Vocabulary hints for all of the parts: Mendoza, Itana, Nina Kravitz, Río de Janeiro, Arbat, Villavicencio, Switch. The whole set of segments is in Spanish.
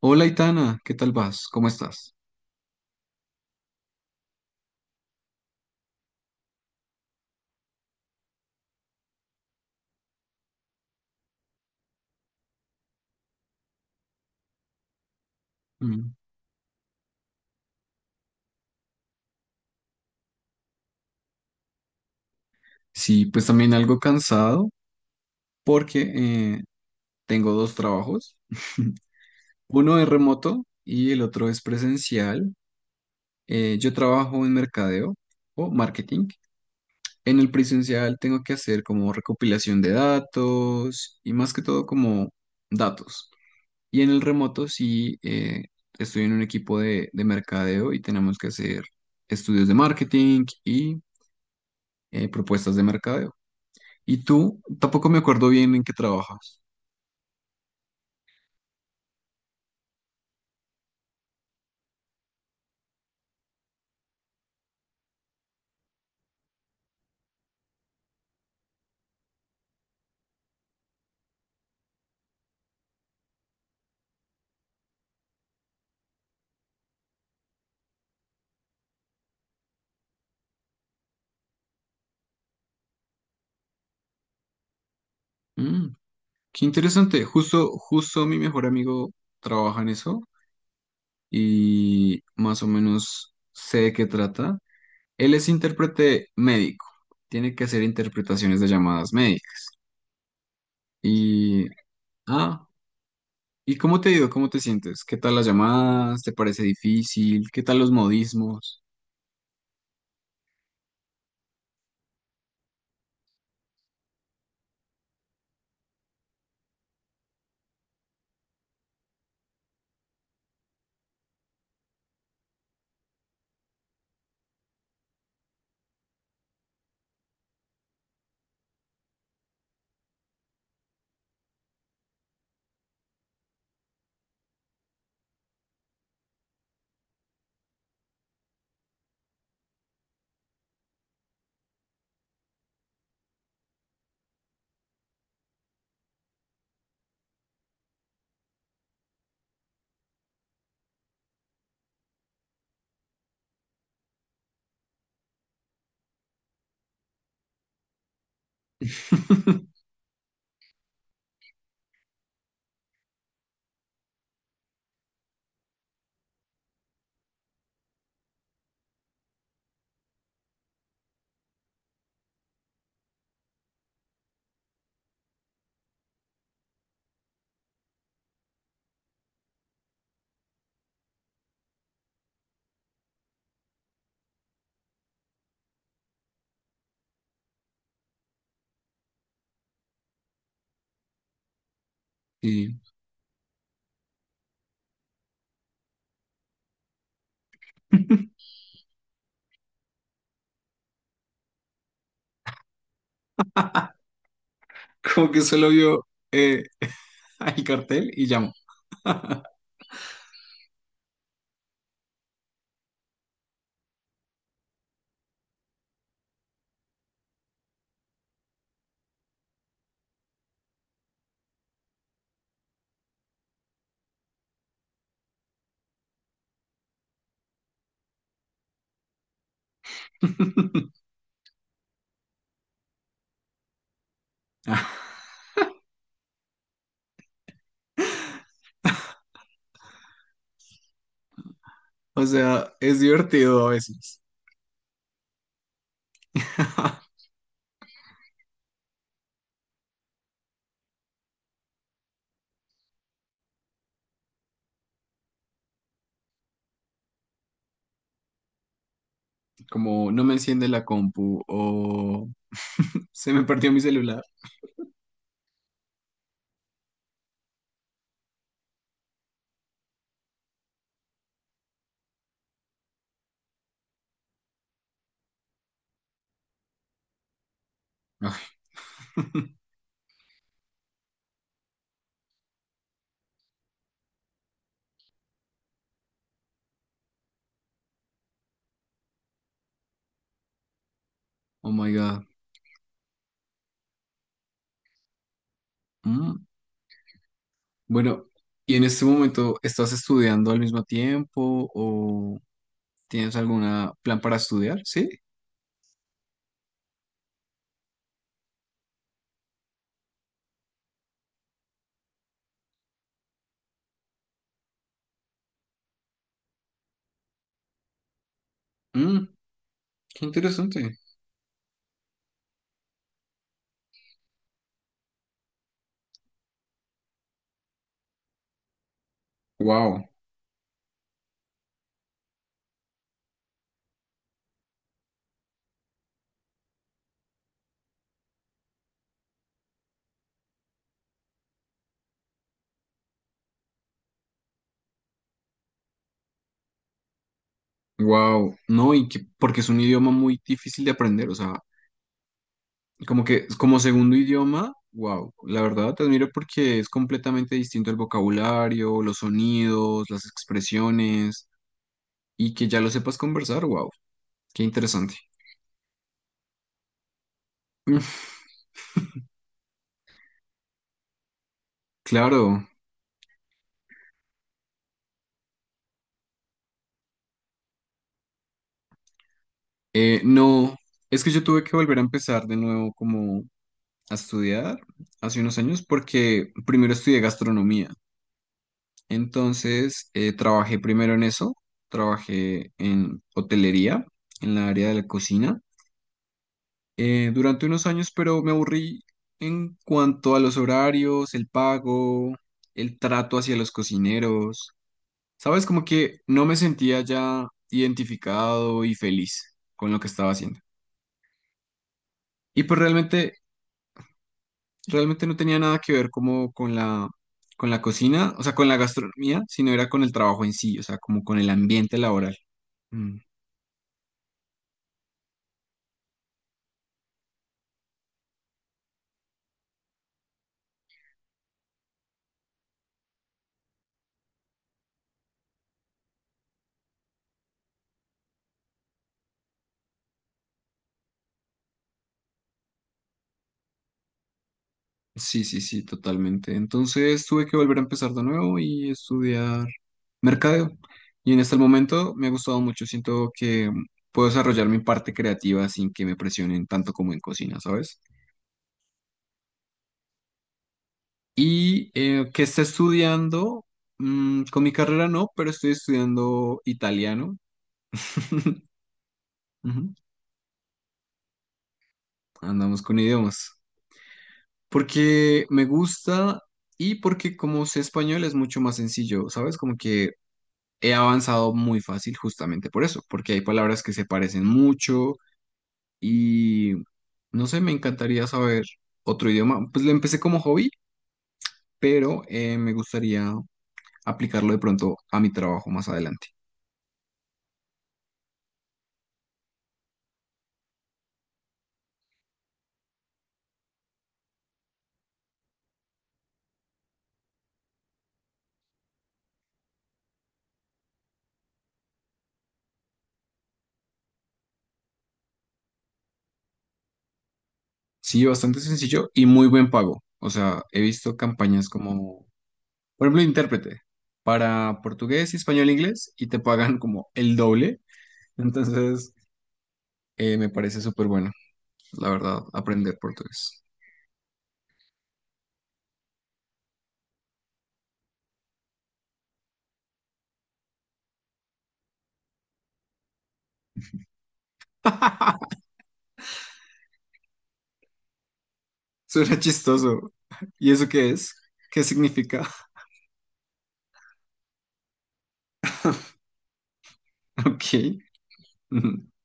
Hola, Itana, ¿qué tal vas? ¿Cómo estás? Mm, sí, pues también algo cansado porque eh, tengo dos trabajos. Uno es remoto y el otro es presencial. Yo trabajo en mercadeo o marketing. En el presencial tengo que hacer como recopilación de datos y más que todo como datos. Y en el remoto sí, estoy en un equipo de mercadeo y tenemos que hacer estudios de marketing y propuestas de mercadeo. Y tú, tampoco me acuerdo bien en qué trabajas. Mm, qué interesante. Justo mi mejor amigo trabaja en eso y más o menos sé de qué trata. Él es intérprete médico. Tiene que hacer interpretaciones de llamadas médicas. Y, ah, ¿y cómo te ha ido? ¿Cómo te sientes? ¿Qué tal las llamadas? ¿Te parece difícil? ¿Qué tal los modismos? Sí. Como que solo vio eh, el cartel y llamó. O sea, es divertido a veces. Como no me enciende la compu o se me partió mi celular. Ay, oh my God. Mm. Bueno, ¿y en este momento estás estudiando al mismo tiempo o tienes algún plan para estudiar? Sí. Mm, qué interesante. Wow, wow. No, y que, porque es un idioma muy difícil de aprender. O sea, como que como segundo idioma, wow, la verdad te admiro porque es completamente distinto el vocabulario, los sonidos, las expresiones y que ya lo sepas conversar, wow, qué interesante. Claro, no, es que yo tuve que volver a empezar de nuevo como a estudiar hace unos años porque primero estudié gastronomía, entonces trabajé primero en eso, trabajé en hotelería, en la área de la cocina. Durante unos años, pero me aburrí en cuanto a los horarios, el pago, el trato hacia los cocineros. Sabes, como que no me sentía ya identificado y feliz con lo que estaba haciendo. Y pues realmente no tenía nada que ver como con con la cocina, o sea, con la gastronomía, sino era con el trabajo en sí, o sea, como con el ambiente laboral. Mm, sí, sí, sí, totalmente. Entonces tuve que volver a empezar de nuevo y estudiar mercadeo. Y en este momento me ha gustado mucho. Siento que puedo desarrollar mi parte creativa sin que me presionen tanto como en cocina, ¿sabes? Y que esté estudiando, mm, con mi carrera no, pero estoy estudiando italiano. Ujú. Andamos con idiomas. Porque me gusta y porque como sé español es mucho más sencillo, ¿sabes? Como que he avanzado muy fácil justamente por eso, porque hay palabras que se parecen mucho. Y no sé, me encantaría saber otro idioma. Pues lo empecé como hobby, pero me gustaría aplicarlo de pronto a mi trabajo más adelante. Sí, bastante sencillo y muy buen pago. O sea, he visto campañas como, por ejemplo, intérprete para portugués, español, inglés y te pagan como el doble. Entonces, me parece súper bueno, la verdad, aprender portugués. Suena chistoso. ¿Y eso qué es? ¿Qué significa? Ok.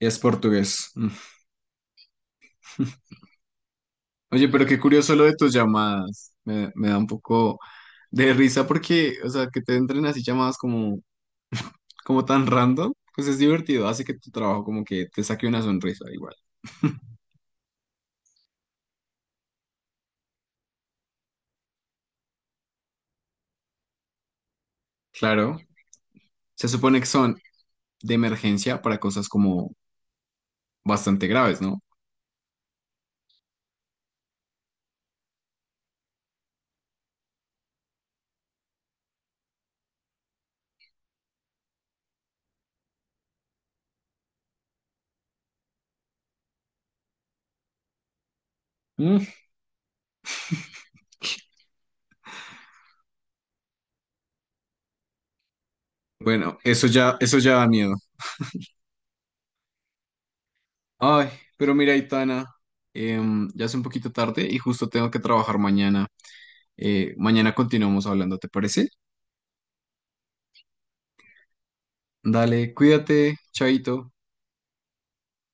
Es portugués. Mm. Oye, pero qué curioso lo de tus llamadas. Me da un poco de risa porque, o sea, que te entren así llamadas como, como tan random, pues es divertido. Hace que tu trabajo como que te saque una sonrisa igual. Claro, se supone que son de emergencia para cosas como bastante graves, ¿no? Mm. Bueno, eso ya da miedo. Ay, pero mira, Itana, ya es un poquito tarde y justo tengo que trabajar mañana. Mañana continuamos hablando, ¿te parece? Dale, cuídate, chaito.